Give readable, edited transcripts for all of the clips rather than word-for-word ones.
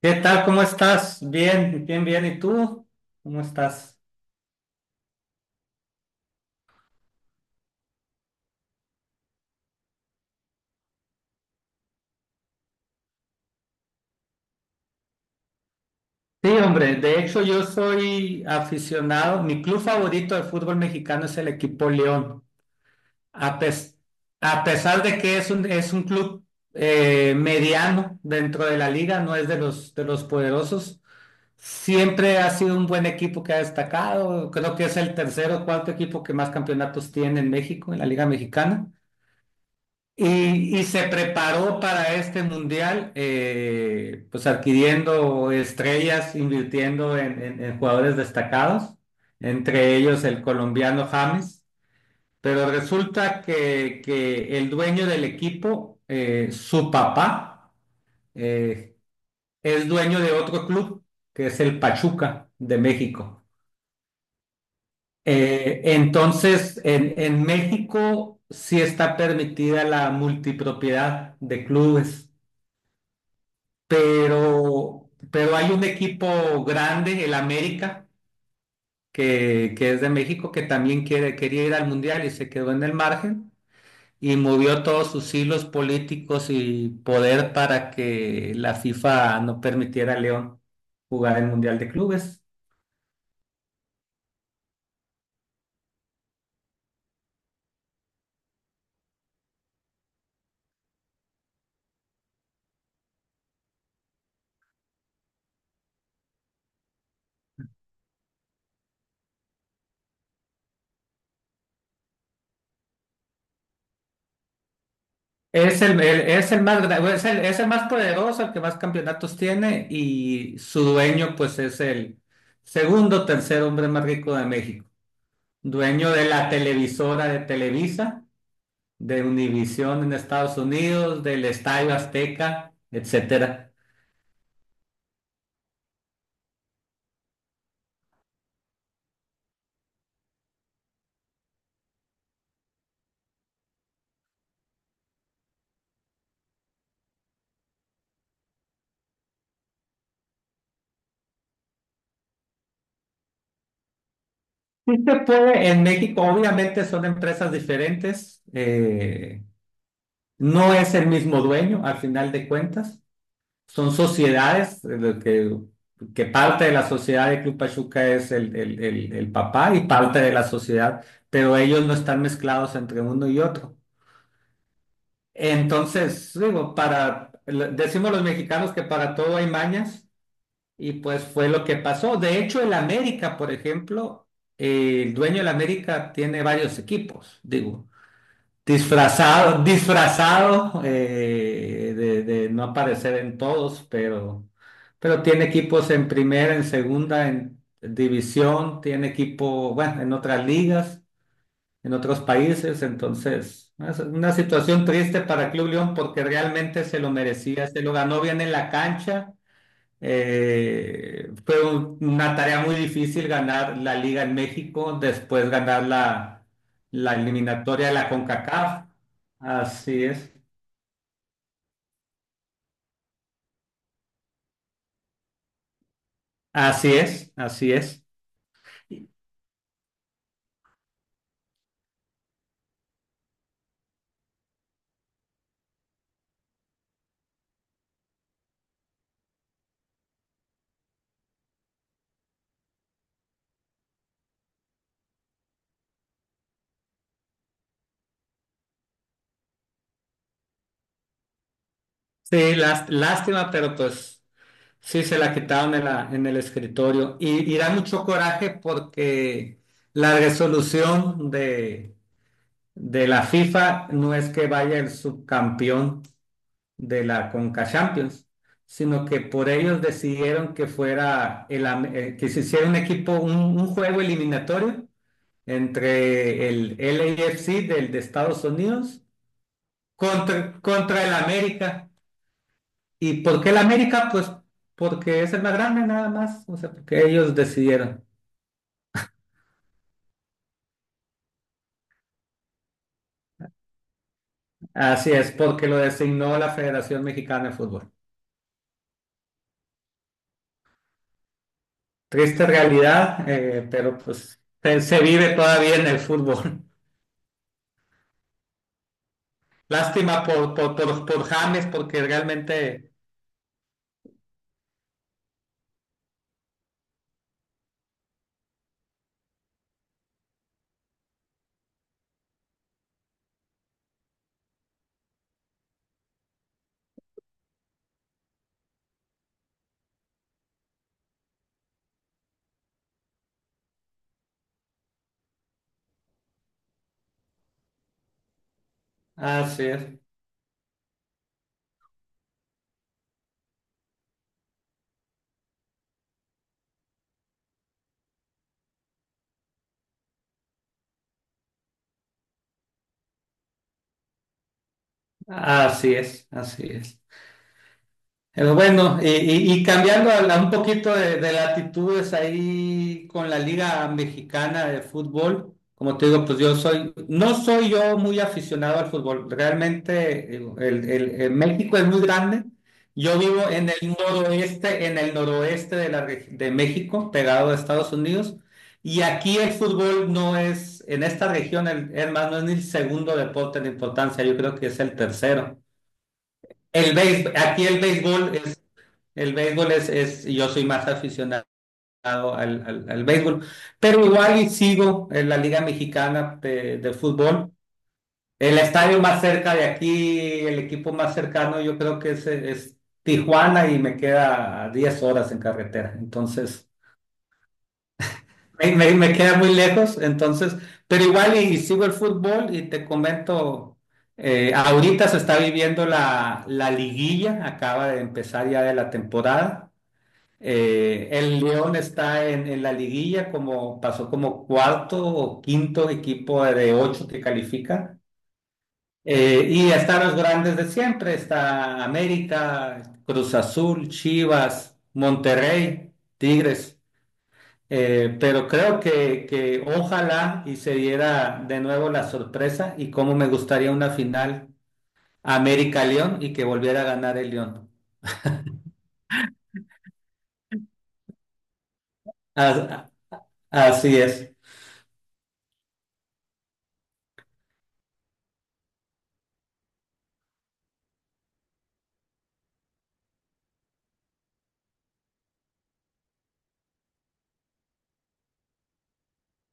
¿Qué tal? ¿Cómo estás? Bien, bien, bien. ¿Y tú? ¿Cómo estás? Sí, hombre, de hecho yo soy aficionado. Mi club favorito de fútbol mexicano es el equipo León. A, pes- a pesar de que es un club, mediano dentro de la liga, no es de los poderosos. Siempre ha sido un buen equipo que ha destacado. Creo que es el tercero, o cuarto equipo que más campeonatos tiene en México, en la Liga Mexicana. Y se preparó para este mundial, pues adquiriendo estrellas, invirtiendo en jugadores destacados, entre ellos el colombiano James, pero resulta que el dueño del equipo, su papá, eh, es dueño de otro club, que es el Pachuca de México. Entonces, en México sí está permitida la multipropiedad de clubes. Pero hay un equipo grande, el América, que es de México, que también quiere, quería ir al Mundial y se quedó en el margen y movió todos sus hilos políticos y poder para que la FIFA no permitiera a León jugar el Mundial de Clubes. Es el más poderoso, el que más campeonatos tiene, y su dueño pues es el segundo, o tercer hombre más rico de México, dueño de la televisora de Televisa, de Univision en Estados Unidos, del Estadio Azteca, etcétera. Sí se puede, en México obviamente son empresas diferentes. No es el mismo dueño al final de cuentas, son sociedades. Lo que parte de la sociedad de Club Pachuca es el papá, y parte de la sociedad, pero ellos no están mezclados entre uno y otro. Entonces, digo, decimos los mexicanos que para todo hay mañas. Y pues fue lo que pasó. De hecho, el América, por ejemplo, el dueño del América tiene varios equipos, digo, disfrazado, disfrazado, de no aparecer en todos, pero tiene equipos en primera, en segunda, en división, tiene equipo, bueno, en otras ligas, en otros países. Entonces, es una situación triste para Club León porque realmente se lo merecía, se lo ganó bien en la cancha. Fue una tarea muy difícil ganar la Liga en México, después ganar la eliminatoria de la CONCACAF. Así es, así es, así es. Sí, lástima, pero pues sí se la quitaron en el escritorio. Y da mucho coraje porque la resolución de la FIFA no es que vaya el subcampeón de la Conca Champions, sino que por ellos decidieron que fuera que se hiciera un equipo, un juego eliminatorio entre el LAFC del de Estados Unidos, contra el América. ¿Y por qué el América? Pues porque es el más grande, nada más. O sea, porque ellos decidieron. Así es, porque lo designó la Federación Mexicana de Fútbol. Triste realidad, pero pues se vive todavía en el fútbol. Lástima por James, porque realmente así es, así es, así es. Pero bueno, y cambiando a un poquito de latitudes ahí con la Liga Mexicana de Fútbol, como te digo, pues yo soy, no soy yo muy aficionado al fútbol. Realmente el México es muy grande. Yo vivo en el noroeste de México, pegado a Estados Unidos, y aquí el fútbol no es, en esta región, es más, no es ni el segundo deporte en importancia. Yo creo que es el tercero. Aquí el béisbol es, yo soy más aficionado al béisbol, pero igual y sigo en la Liga Mexicana de fútbol. El estadio más cerca de aquí, el equipo más cercano, yo creo que es Tijuana, y me queda a 10 horas en carretera. Entonces, me queda muy lejos. Entonces, pero igual, y sigo el fútbol, y te comento, ahorita se está viviendo la liguilla, acaba de empezar ya de la temporada. El León está en la liguilla, como pasó como cuarto o quinto equipo de ocho que califica. Y están los grandes de siempre: está América, Cruz Azul, Chivas, Monterrey, Tigres. Pero creo que ojalá y se diera de nuevo la sorpresa. Y cómo me gustaría una final América-León, y que volviera a ganar el León. A- Así es.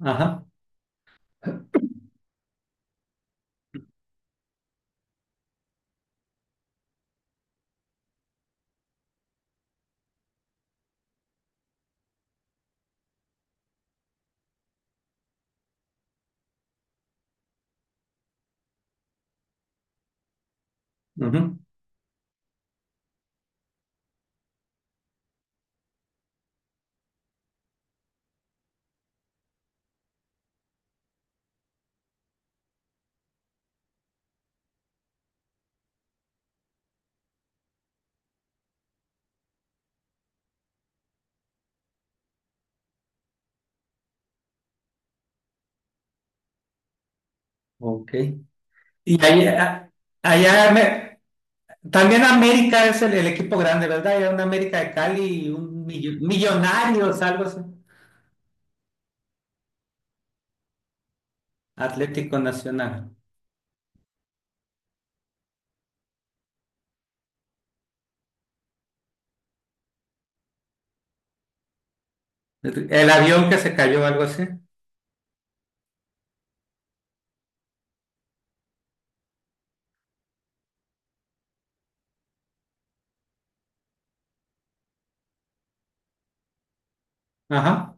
Ajá. Ujú. Ok. Y allá, allá, también América es el equipo grande, ¿verdad? Hay una América de Cali y un Millonarios, algo así. Atlético Nacional. El avión que se cayó, algo así. Ajá.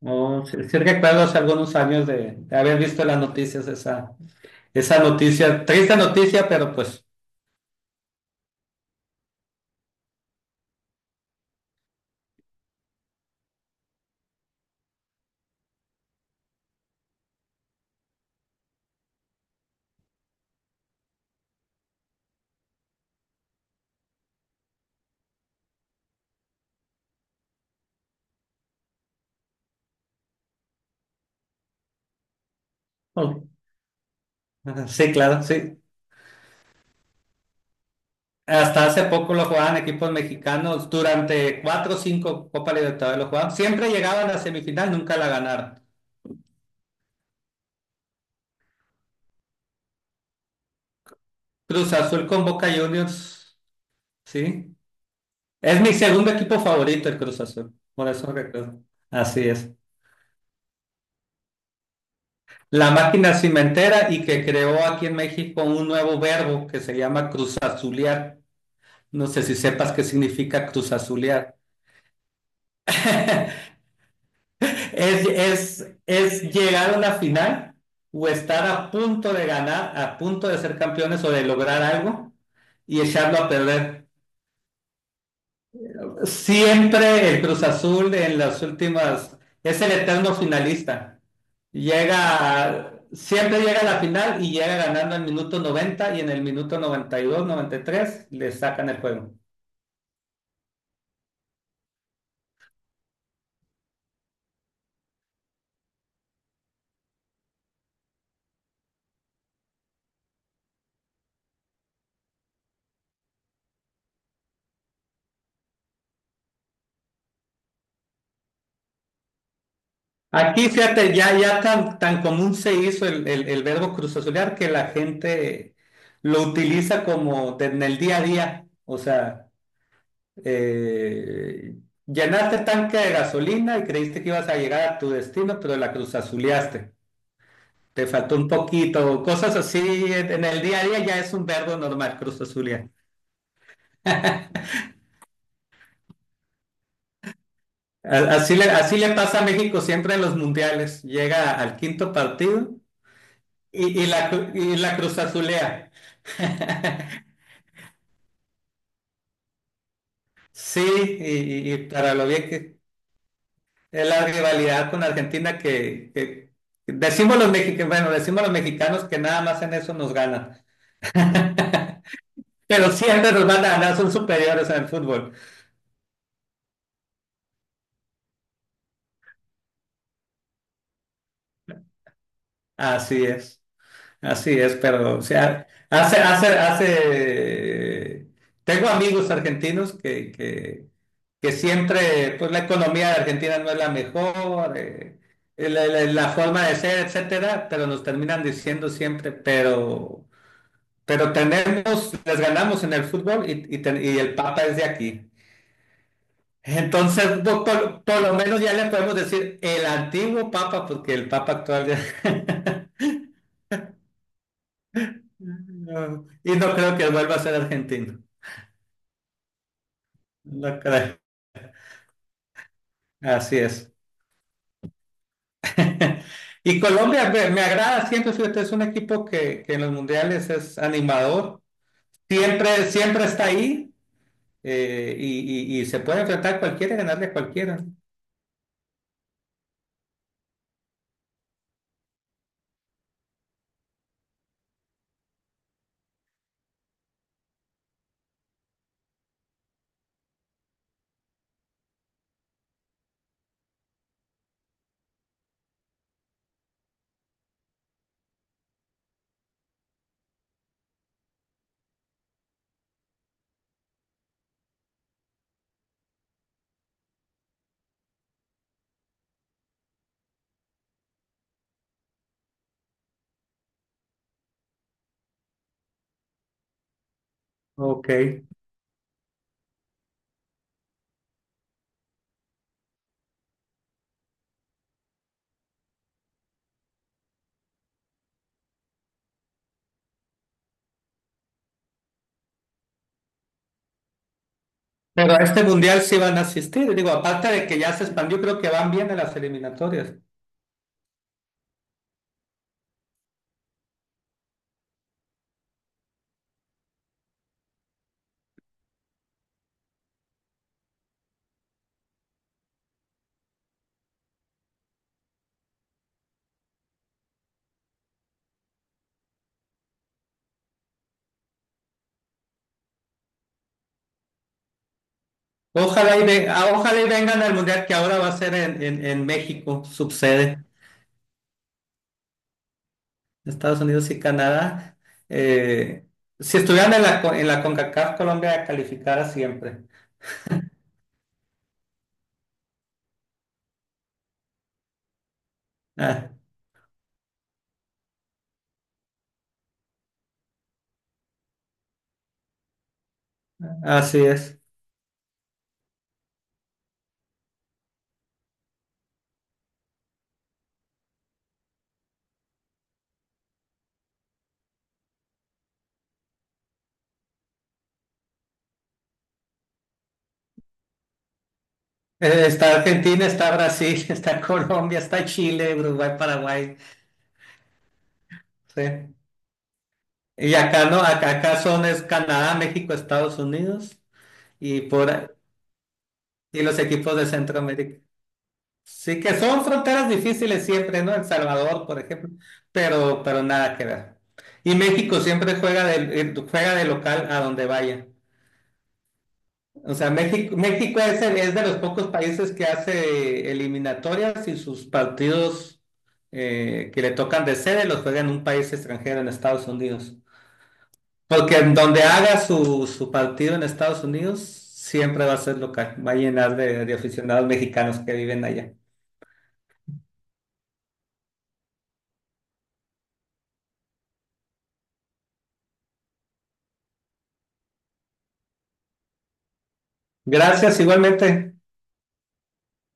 No, sí, sí recuerdo hace algunos años de haber visto en las noticias esa, esa noticia, triste noticia, pero pues, oh. Ajá, sí, claro, sí. Hasta hace poco lo jugaban equipos mexicanos, durante cuatro o cinco Copa Libertadores lo jugaban, siempre llegaban a la semifinal, nunca la ganaron. Cruz Azul con Boca Juniors, sí. Es mi segundo equipo favorito, el Cruz Azul, por eso recuerdo. Así es. La máquina cimentera, y que creó aquí en México un nuevo verbo que se llama Cruz. No sé si sepas qué significa Cruz Azulear. Es llegar a la final, o estar a punto de ganar, a punto de ser campeones o de lograr algo, y echarlo a perder. Siempre el Cruz Azul, en las últimas, es el eterno finalista. Siempre llega a la final, y llega ganando en el minuto 90, y en el minuto 92, 93 le sacan el juego. Aquí, fíjate, ya, ya tan, tan común se hizo el verbo cruzazulear, que la gente lo utiliza como en el día a día. O sea, eh, llenaste tanque de gasolina y creíste que ibas a llegar a tu destino, pero la cruzazuleaste. Te faltó un poquito, cosas así. En el día a día ya es un verbo normal, cruzazulear. Así le pasa a México siempre en los mundiales. Llega al quinto partido y la cruzazulea. Sí, y para lo bien que es la rivalidad con Argentina, decimos los mexicanos, bueno, decimos los mexicanos que nada más en eso nos ganan, pero siempre nos van a ganar, son superiores en el fútbol. Así es, así es. Pero, o sea, tengo amigos argentinos que siempre, pues la economía de Argentina no es la mejor, la forma de ser, etcétera, pero nos terminan diciendo siempre, pero. Pero les ganamos en el fútbol, y el Papa es de aquí. Entonces, no, por lo menos ya le podemos decir el antiguo Papa, porque el Papa actual ya. No, y no creo que vuelva a ser argentino. No creo. Así es. Y Colombia me agrada siempre, fíjate, es un equipo que en los mundiales es animador. Siempre, siempre está ahí, y se puede enfrentar a cualquiera y ganarle a cualquiera. Ok. Pero a este mundial sí van a asistir, digo, aparte de que ya se expandió, creo que van bien en las eliminatorias. Ojalá y vengan al mundial, que ahora va a ser en México, subsede, Estados Unidos y Canadá. Eh, si estuvieran en la CONCACAF, Colombia calificara siempre. Ah, así es. Está Argentina, está Brasil, está Colombia, está Chile, Uruguay, Paraguay. Sí. Y acá no, acá son, es Canadá, México, Estados Unidos. Y por, Y los equipos de Centroamérica. Sí que son fronteras difíciles siempre, ¿no? El Salvador, por ejemplo, pero nada que ver. Y México siempre juega de local a donde vaya. O sea, México es de los pocos países que hace eliminatorias, y sus partidos, que le tocan de sede, los juega en un país extranjero, en Estados Unidos. Porque en donde haga su partido en Estados Unidos, siempre va a ser local, va a llenar de aficionados mexicanos que viven allá. Gracias, igualmente.